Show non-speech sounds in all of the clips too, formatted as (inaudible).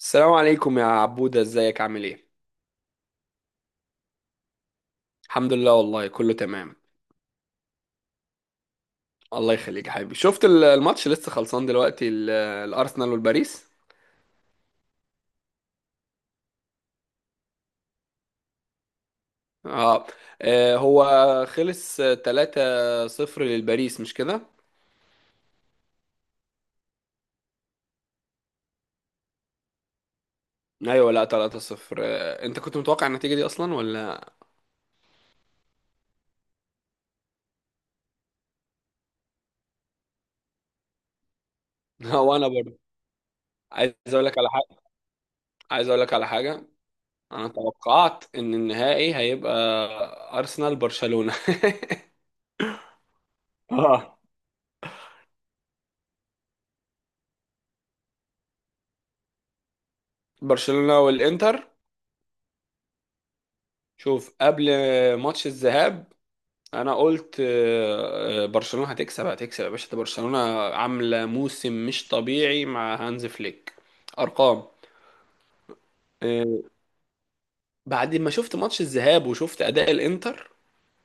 السلام عليكم يا عبودة، ازيك؟ عامل ايه؟ الحمد لله، والله كله تمام. الله يخليك يا حبيبي. شفت الماتش لسه خلصان دلوقتي؟ الأرسنال والباريس. اه. هو خلص 3-0 للباريس، مش كده؟ ايوه، لا 3-0. انت كنت متوقع النتيجة دي اصلا ولا؟ (laughs) وانا برضه. عايز اقول لك على حاجة، عايز اقول لك على حاجة. انا توقعت ان النهائي هيبقى أرسنال برشلونة. (laughs) اه. برشلونة والإنتر. شوف قبل ماتش الذهاب، انا قلت برشلونة هتكسب هتكسب يا باشا، ده برشلونة عاملة موسم مش طبيعي مع هانز فليك. ارقام. آه، بعد ما شفت ماتش الذهاب وشفت اداء الانتر،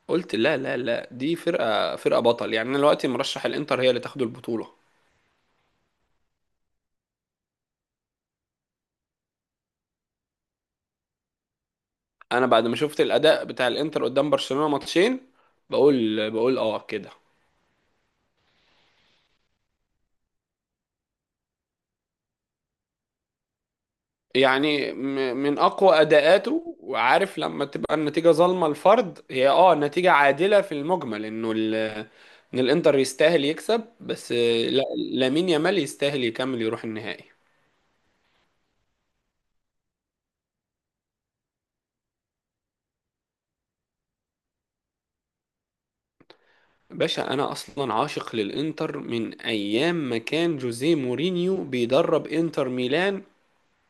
قلت لا لا لا، دي فرقة فرقة بطل يعني. انا دلوقتي مرشح الانتر هي اللي تاخد البطولة. انا بعد ما شفت الاداء بتاع الانتر قدام برشلونة ماتشين، بقول اه كده. يعني من اقوى اداءاته. وعارف لما تبقى النتيجه ظالمه الفرد، هي اه نتيجه عادله في المجمل، انه ان الانتر يستاهل يكسب، بس لا، لامين يامال يستاهل يكمل يروح النهائي. باشا انا اصلا عاشق للانتر من ايام ما كان جوزيه مورينيو بيدرب انتر ميلان.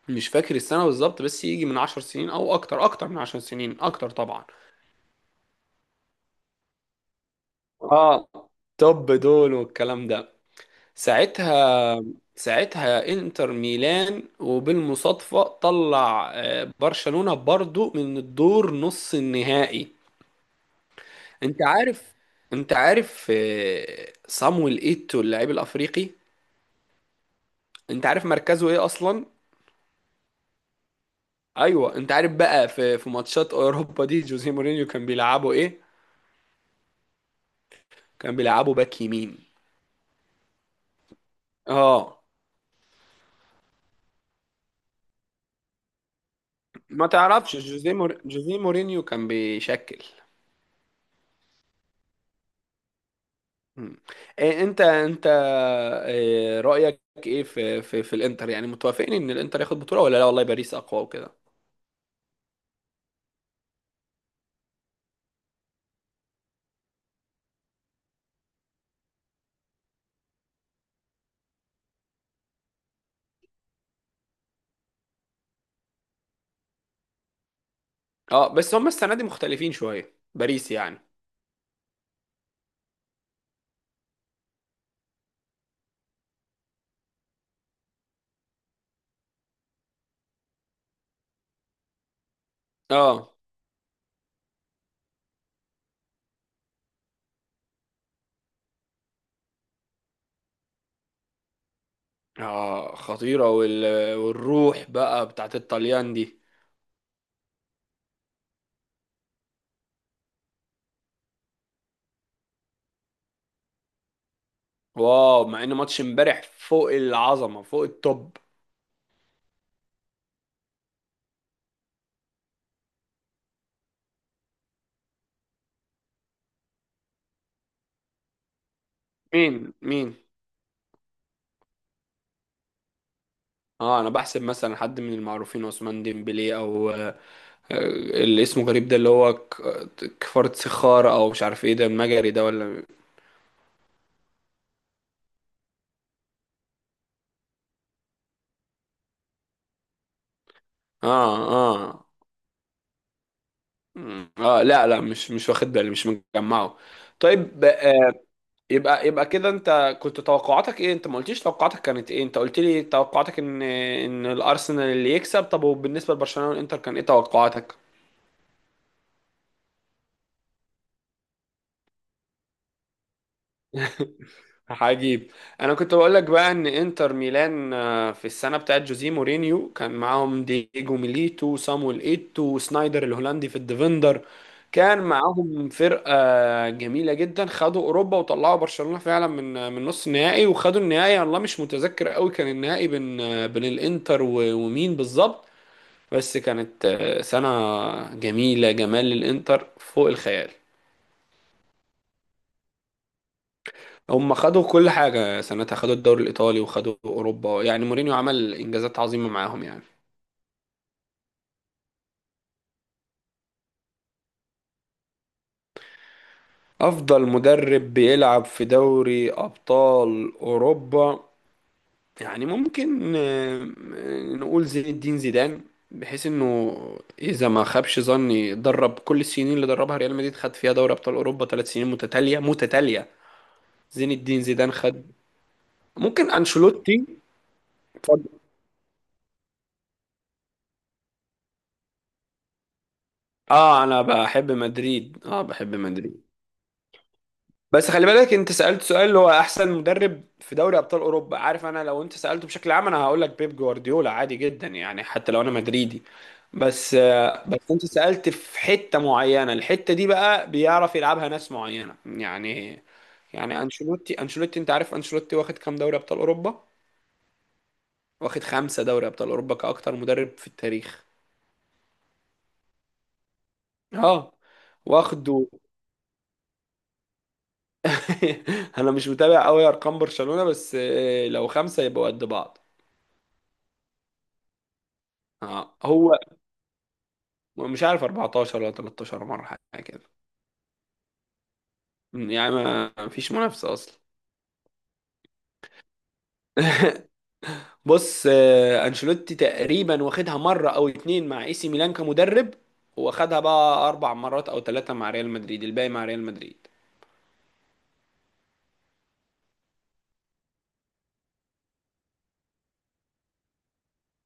مش فاكر السنه بالظبط، بس يجي من 10 سنين او اكتر، اكتر من 10 سنين اكتر طبعا. اه. طب دول والكلام ده ساعتها، ساعتها انتر ميلان، وبالمصادفة طلع برشلونة برضو من الدور نص النهائي. انت عارف، انت عارف صامويل ايتو اللاعب الافريقي. انت عارف مركزه ايه اصلا. ايوه، انت عارف بقى في ماتشات اوروبا دي جوزيه مورينيو كان بيلعبه ايه؟ كان بيلعبه باك يمين. اه. ما تعرفش جوزيه مورينيو كان بيشكل. مم. إيه انت إيه رأيك، ايه في الانتر؟ يعني متوافقين ان الانتر ياخد بطولة ولا لا والله باريس اقوى وكده؟ اه، بس هم السنة دي مختلفين شوية باريس يعني. اه اه، خطيرة والروح بقى بتاعت الطليان دي. واو، مع ان ماتش امبارح فوق العظمة فوق التوب. مين مين؟ اه، انا بحسب مثلا حد من المعروفين، عثمان ديمبلي او اللي اسمه غريب ده، اللي هو كفارة سخار، او مش عارف ايه ده المجري ده ولا؟ اه. اه. اه، لا لا مش واخد بالي، مش مجمعه. طيب آه، يبقى يبقى كده، انت كنت توقعاتك ايه؟ انت ما قلتليش توقعاتك كانت ايه، انت قلت لي توقعاتك ان ان الارسنال اللي يكسب، طب وبالنسبه لبرشلونه والانتر كان ايه توقعاتك؟ عجيب. انا كنت بقول لك بقى ان انتر ميلان في السنه بتاعت جوزيه مورينيو كان معاهم دييجو ميليتو وصامويل ايتو وسنايدر الهولندي في الديفندر. كان معاهم فرقه جميله جدا، خدوا اوروبا وطلعوا برشلونه فعلا من من نص النهائي، وخدوا النهائي. والله مش متذكر قوي كان النهائي بين بين الانتر ومين بالظبط. بس كانت سنه جميله، جمال الانتر فوق الخيال. هم خدوا كل حاجة سنتها، خدوا الدوري الإيطالي وخدوا أوروبا، يعني مورينيو عمل إنجازات عظيمة معاهم يعني. أفضل مدرب بيلعب في دوري أبطال أوروبا، يعني ممكن نقول زين الدين زيدان، بحيث إنه إذا ما خابش ظني، درب كل السنين اللي دربها ريال مدريد، خد فيها دوري أبطال أوروبا 3 سنين متتالية متتالية. زين الدين زيدان خد. ممكن أنشيلوتي. اتفضل. اه، انا بحب مدريد، اه بحب مدريد. بس خلي بالك، انت سألت سؤال اللي هو احسن مدرب في دوري ابطال اوروبا. عارف، انا لو انت سألته بشكل عام انا هقول لك بيب جوارديولا عادي جدا يعني، حتى لو انا مدريدي. بس، بس انت سألت في حتة معينة، الحتة دي بقى بيعرف يلعبها ناس معينة يعني. يعني انشيلوتي، انشيلوتي، انت عارف انشيلوتي واخد كام دوري ابطال اوروبا؟ واخد 5 دوري ابطال اوروبا كأكتر مدرب في التاريخ. اه. واخده. (laughs) انا مش متابع قوي ارقام برشلونة، بس لو 5 يبقوا قد بعض. اه هو. مش عارف 14 ولا 13 مرة، حاجة كده. يعني ما فيش منافسة أصلا. (laughs) بص أنشيلوتي تقريبا واخدها مرة أو اتنين مع اي سي ميلان كمدرب، واخدها بقى 4 مرات أو ثلاثة مع ريال مدريد، الباقي مع ريال مدريد.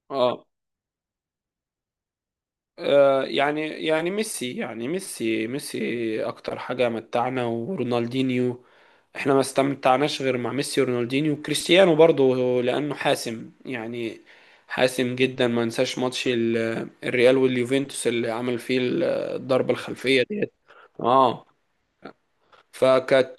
اه. يعني ميسي أكتر حاجة متعنا، ورونالدينيو. احنا ما استمتعناش غير مع ميسي ورونالدينيو وكريستيانو برضه، لانه حاسم يعني، حاسم جدا. ما انساش ماتش الريال واليوفنتوس اللي عمل فيه الضربة الخلفية ديت. اه. فكانت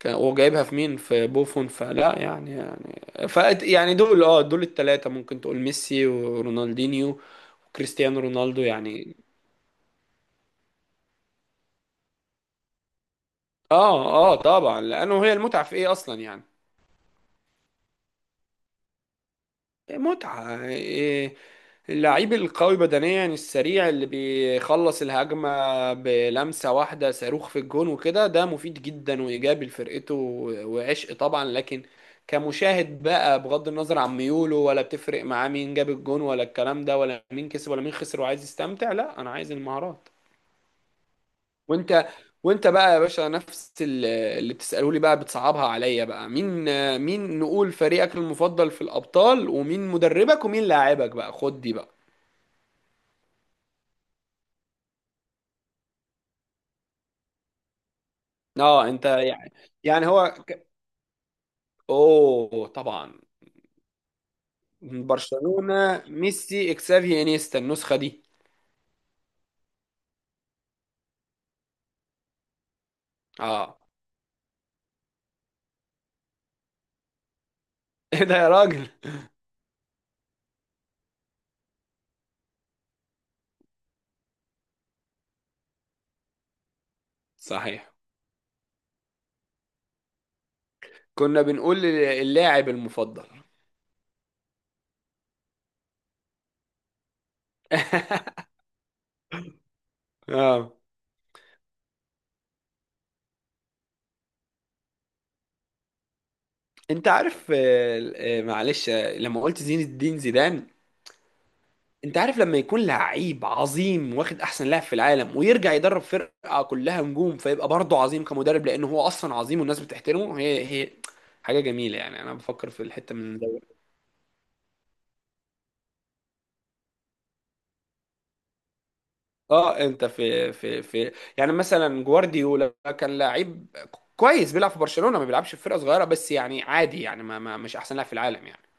وجايبها في مين؟ في بوفون، فلا يعني يعني. ف، يعني دول اه دول الثلاثة ممكن تقول ميسي ورونالدينيو وكريستيانو رونالدو يعني. اه اه طبعا، لانه هي المتعة في ايه اصلا يعني. متعة إيه؟ اللعيب القوي بدنيا السريع اللي بيخلص الهجمة بلمسة واحدة صاروخ في الجون وكده، ده مفيد جدا وإيجابي لفرقته وعشق طبعا، لكن كمشاهد بقى بغض النظر عن ميوله، ولا بتفرق معاه مين جاب الجون ولا الكلام ده، ولا مين كسب ولا مين خسر، وعايز يستمتع، لا أنا عايز المهارات. وأنت وأنت بقى يا باشا نفس اللي بتسأله لي بقى، بتصعبها عليا بقى. مين نقول فريقك المفضل في الأبطال؟ ومين مدربك ومين لاعبك بقى؟ خد دي بقى. اه، انت يعني، يعني هو اوه طبعا. برشلونة ميسي اكسافي انيستا النسخة دي. اه. (laughs) ايه ده يا راجل. صحيح. كنا بنقول اللاعب المفضل. (laughs) اه. انت عارف معلش لما قلت زين الدين زيدان. انت عارف لما يكون لعيب عظيم واخد احسن لاعب في العالم ويرجع يدرب فرقة كلها نجوم، فيبقى برضه عظيم كمدرب، لانه هو اصلا عظيم والناس بتحترمه، هي هي حاجة جميلة. يعني انا بفكر في الحتة من اه. انت في يعني مثلا جوارديولا كان لعيب كويس، بيلعب في برشلونة، ما بيلعبش في فرقة صغيرة بس يعني عادي يعني، ما مش احسن لاعب في العالم يعني.